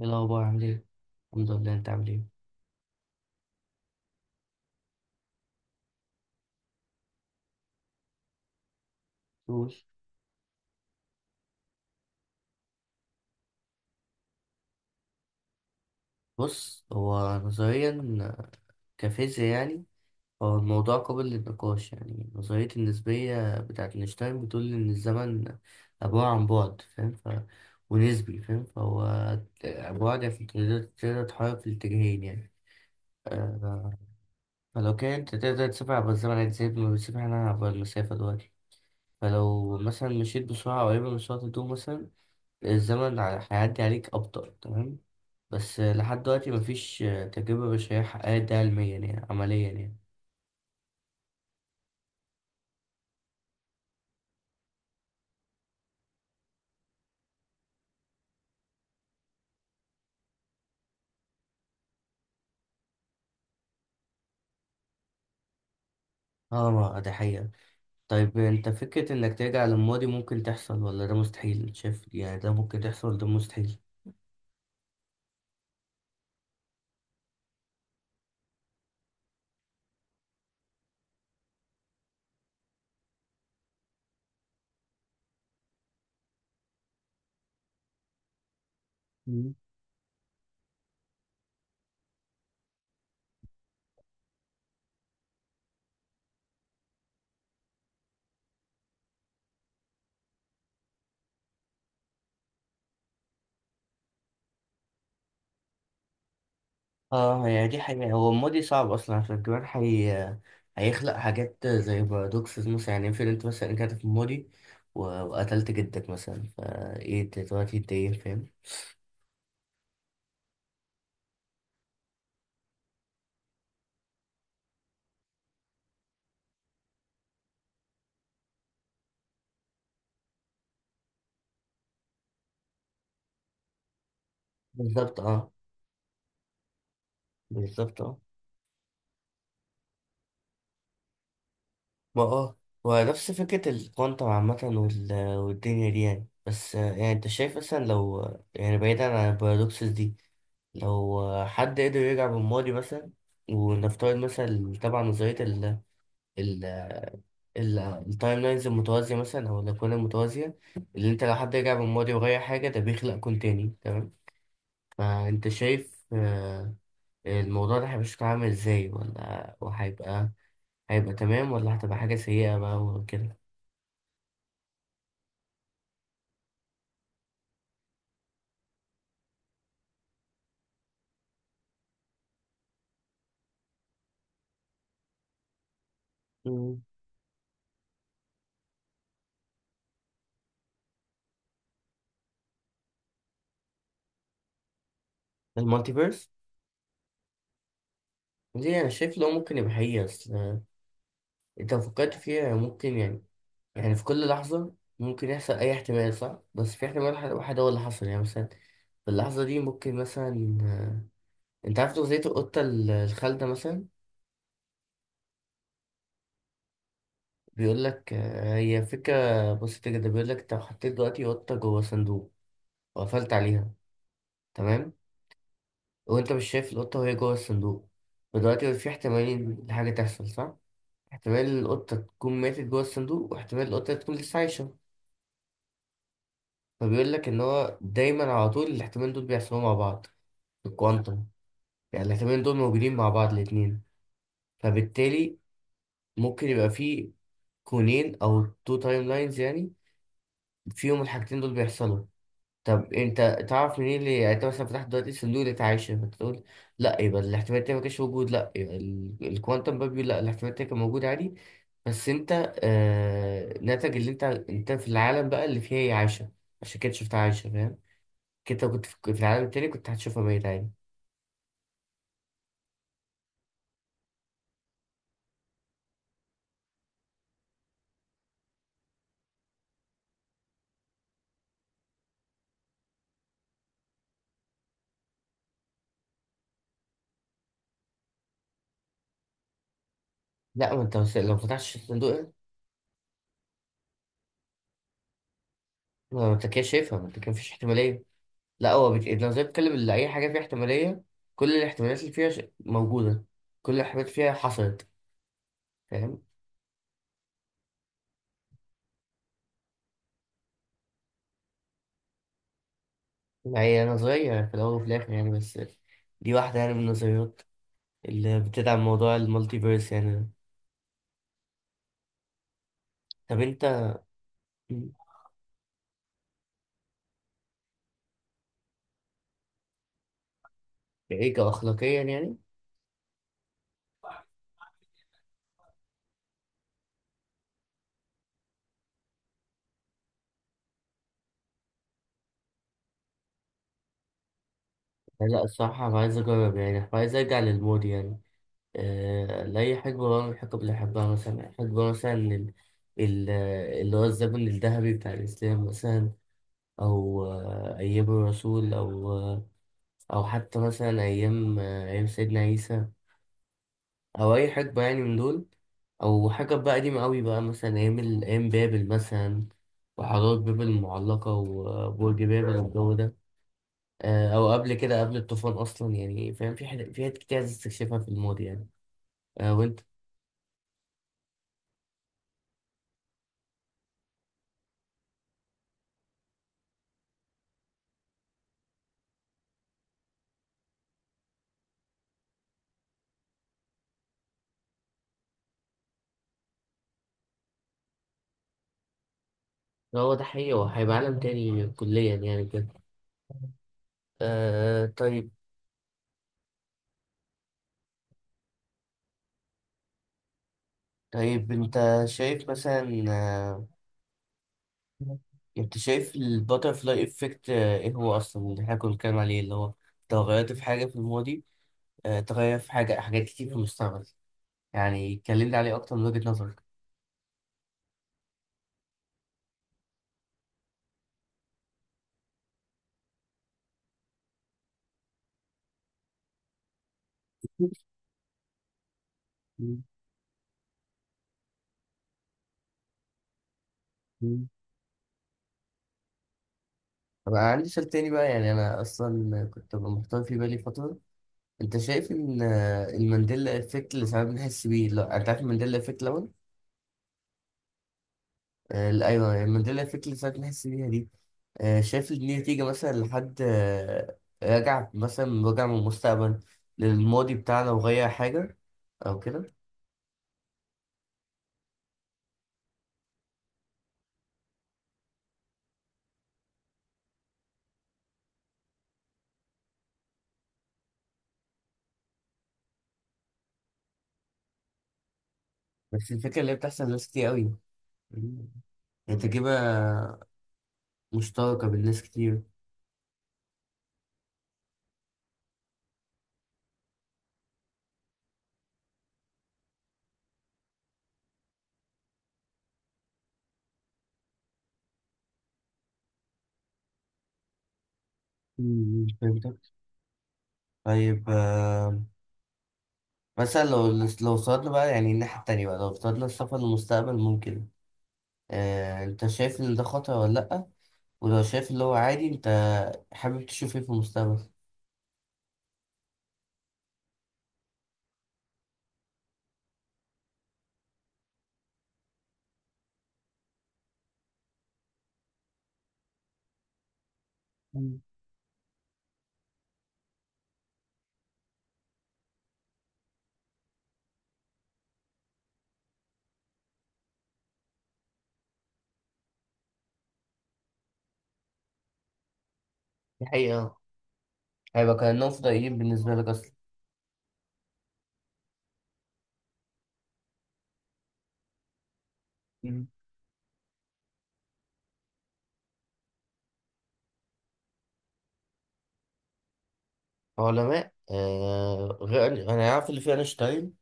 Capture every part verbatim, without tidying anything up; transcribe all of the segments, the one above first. ايه الاخبار؟ عامل ايه؟ الحمد لله. انت عامل ايه؟ قول. بص، هو نظريا كفيزياء يعني، هو الموضوع قابل للنقاش يعني. نظرية النسبية بتاعت اينشتاين بتقول إن الزمن عبارة عن بعد، فاهم؟ ف ونسبي، فاهم، فهو بعد يعني تقدر تقدر تتحرك في الاتجاهين يعني. آه، فلو كان أنت تقدر تسافر عبر الزمن يعني زي ما بنسافر احنا عبر المسافة دلوقتي، فلو مثلا مشيت بسرعة قريبة من سرعة الضوء مثلا، الزمن ع- هيعدي عليك أبطأ. تمام؟ بس لحد دلوقتي مفيش تجربة بشرية حققت ده علميا يعني عمليا يعني. اه، ما ده حقيقة. طيب انت، فكرة انك ترجع للماضي ممكن تحصل ولا ده مستحيل؟ شايف يعني ده ممكن تحصل ولا ده مستحيل؟ مم. اه يعني دي حقيقة. هو الماضي صعب اصلا عشان كمان حي... هيخلق حاجات زي بارادوكسز مثلا. يعني افرض انت مثلا رجعت في الماضي و- وقتلت جدك مثلا، فايه انت دلوقتي، انت ايه؟ فاهم؟ بالظبط اه. بالظبط اه. ما اه ونفس فكرة الكوانتم عامة وال- والدنيا دي يعني. بس آه، يعني انت شايف مثلا، لو يعني بعيدا عن البارادوكسز دي، لو حد قدر يرجع بالماضي مثلا، ونفترض مثلا، طبعا نظرية ال ال ال التايم لاينز المتوازية مثلا، أو الأكوان المتوازية، اللي أنت لو حد رجع بالماضي وغير حاجة ده بيخلق كون تاني. تمام؟ فأنت شايف آه، الموضوع ده هيبقى شكله عامل ازاي؟ ولا وهيبقى هيبقى تمام ولا هتبقى حاجة سيئة بقى وكده؟ المالتيفيرس دي انا شايف لو ممكن يبقى حقيقة، اصل انت لو فكرت فيها ممكن يعني. يعني في كل لحظة ممكن يحصل اي احتمال، صح؟ بس في احتمال واحد واحد هو اللي حصل، يعني مثلا في اللحظة دي ممكن مثلا، آه، انت عارف نظرية القطة ال- الخالدة مثلا؟ بيقول لك، هي فكرة بسيطة جدا. بيقول لك، انت لو حطيت دلوقتي قطة جوه صندوق وقفلت عليها، تمام؟ وانت مش شايف القطة وهي جوه الصندوق، فدلوقتي في احتمالين لحاجة تحصل، صح؟ احتمال القطة تكون ماتت جوه الصندوق، واحتمال القطة تكون لسه عايشة. فبيقول لك إن هو دايما على طول الاحتمالين دول بيحصلوا مع بعض في الكوانتم. يعني الاحتمالين دول موجودين مع بعض الاتنين. فبالتالي ممكن يبقى في كونين أو تو تايم لاينز يعني، فيهم الحاجتين دول بيحصلوا. طب انت تعرف منين؟ اللي يعني انت مثلا فتحت دلوقتي صندوق الاتعاشر فتقول لا، يبقى الاحتمال ده ما كانش موجود. لا، يبقى ال- الكوانتم باب بيقول لا، الاحتمال ده كان موجود عادي، بس انت آه ناتج اللي انت، انت في العالم بقى اللي فيه هي عايشه، عشان كده شفت عايشه، فاهم؟ كده لو كنت في في العالم التاني كنت هتشوفها ميت عادي. لا، ما انت بس- لو ما فتحتش الصندوق ده، ما انت كده شايفها. ما انت كان مفيش احتماليه. لا، هو بت... لو زي بتتكلم اللي اي حاجه فيها احتماليه، كل الاحتمالات اللي فيها ش- موجوده، كل الاحتمالات فيها حصلت. فاهم؟ هي نظرية في الأول وفي الآخر يعني، بس دي واحدة يعني من النظريات اللي بتدعم موضوع المالتيفيرس يعني. طب أنت، إيه كأخلاقيا يعني؟ لا الصراحة أنا عايز أجرب يعني. عايز أرجع للمود يعني، آه، لأي حقبة بقى من الحقب اللي أحبها، مثلا حقبة مثلا ال- ال- اللي هو الزمن الذهبي بتاع الإسلام مثلا، أو آه، أيام الرسول، أو آه، أو حتى مثلا أيام آه، أيام سيدنا عيسى، أو أي حقبة يعني من دول، أو حاجة بقى قديمة أوي بقى، مثلا أيام ال- أيام بابل مثلا، وحضارة بابل المعلقة وبرج بابل والجو ده. آه، أو قبل كده، قبل الطوفان أصلا، يعني فاهم في حاجات في حاجات كتير عايز تستكشفها في الماضي يعني. آه، وأنت؟ هو ده حقيقي، هو هيبقى عالم تاني كليا يعني كده. آه طيب. طيب أنت شايف مثلا، آه، انت شايف الباترفلاي افكت، ايه هو اصلا؟ اللي احنا كنا بنتكلم عليه، اللي هو تغيرت في حاجه في الماضي، آه، تغير في حاجة حاجات كتير في المستقبل يعني. كلمني عليه أكتر من وجهة نظرك. مم. مم. طب أنا عندي سؤال تاني بقى. يعني أنا أصلا كنت ببقى محتار في بالي فترة، أنت شايف إن آه، المانديلا إفكت اللي ساعات بنحس بيه؟ لا، أنت عارف المانديلا إفكت الأول؟ آه، لا، أيوه، المانديلا إفكت اللي ساعات بنحس بيها دي، آه، شايف إن دي نتيجة مثلا لحد آه، رجع مثلا، رجع من المستقبل للماضي بتاعنا وغير حاجة أو كده؟ بس الفكرة اللي هي بتحصل لناس كتير أوي. مم. هي تجربة مشتركة بين ناس كتير. مم، فهمتك. طيب آه، مثلا لو لو صعدنا بقى يعني الناحية التانية بقى، لو افترضنا السفر للمستقبل ممكن، آه انت شايف ان ده خطر ولا لأ؟ ولو شايف اللي هو عادي، انت حابب تشوف ايه في المستقبل؟ مم. دي حقيقة. هيبقى كأنهم فضائيين بالنسبة لك أصلا. مم. علماء آه، غير أنا عارف اللي فيه أينشتاين،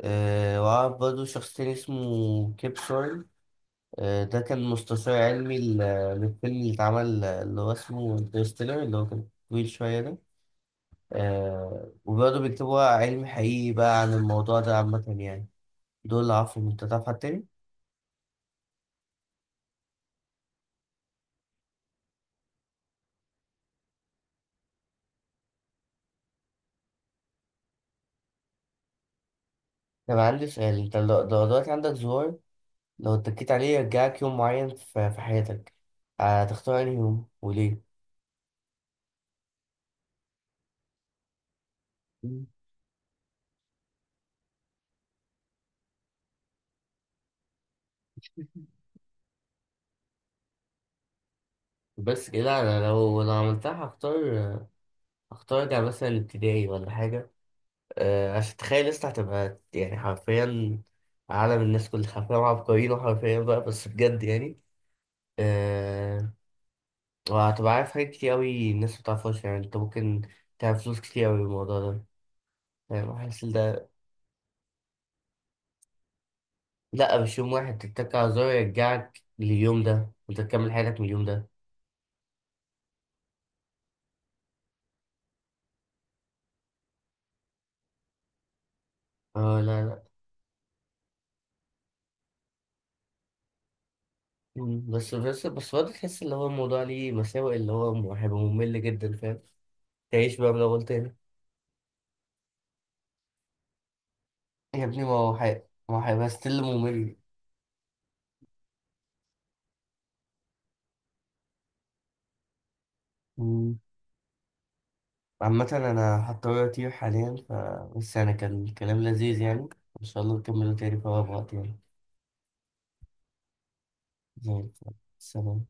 آه وأعرف برضه شخص تاني اسمه كيب، آه، ده كان مستشار علمي ل- للفيلم اللي اتعمل، آه، اللي هو اسمه انترستيلر اللي هو كان طويل شوية ده. آه وبرضه بيكتبوا علم حقيقي بقى عن الموضوع ده عامة يعني. دول اللي عارفهم، انت تعرف حد تاني؟ طب عندي سؤال، انت لو لو دلوقتي عندك زهور، لو اتكيت عليه يرجعك يوم معين في في حياتك، هتختار انهي يوم وليه؟ مم. بس كده انا لو لو عملتها هختار، هختار ارجع مثلا ابتدائي ولا حاجة. آه، عشان تخيل، لسه هتبقى يعني حرفيا عالم، الناس كلها حرفيا عبقريين، وحرفيا بقى بس بجد يعني. أه. وهتبقى عارف حاجات كتير أوي الناس ما بتعرفهاش، يعني انت ممكن تعمل فلوس كتير أوي بالموضوع ده. فاهم، حاسس إن ده. لأ مش يوم واحد، تتك على زرار يرجعك لليوم ده وانت تكمل حياتك من اليوم ده. اه لا لا. مم، بس بس بس برضه تحس اللي هو الموضوع ليه مساوئ، اللي هو هيبقى ممل جدا فاهم، تعيش بقى من الأول تاني. يا ابني ما هو حي- ما هو هيبقى ستيل ممل. عامة أنا هضطر أطير حاليا، فبس أنا كان الكلام لذيذ يعني، إن شاء الله نكمله تاني في أقرب وقت يعني. زي الفل. سلام.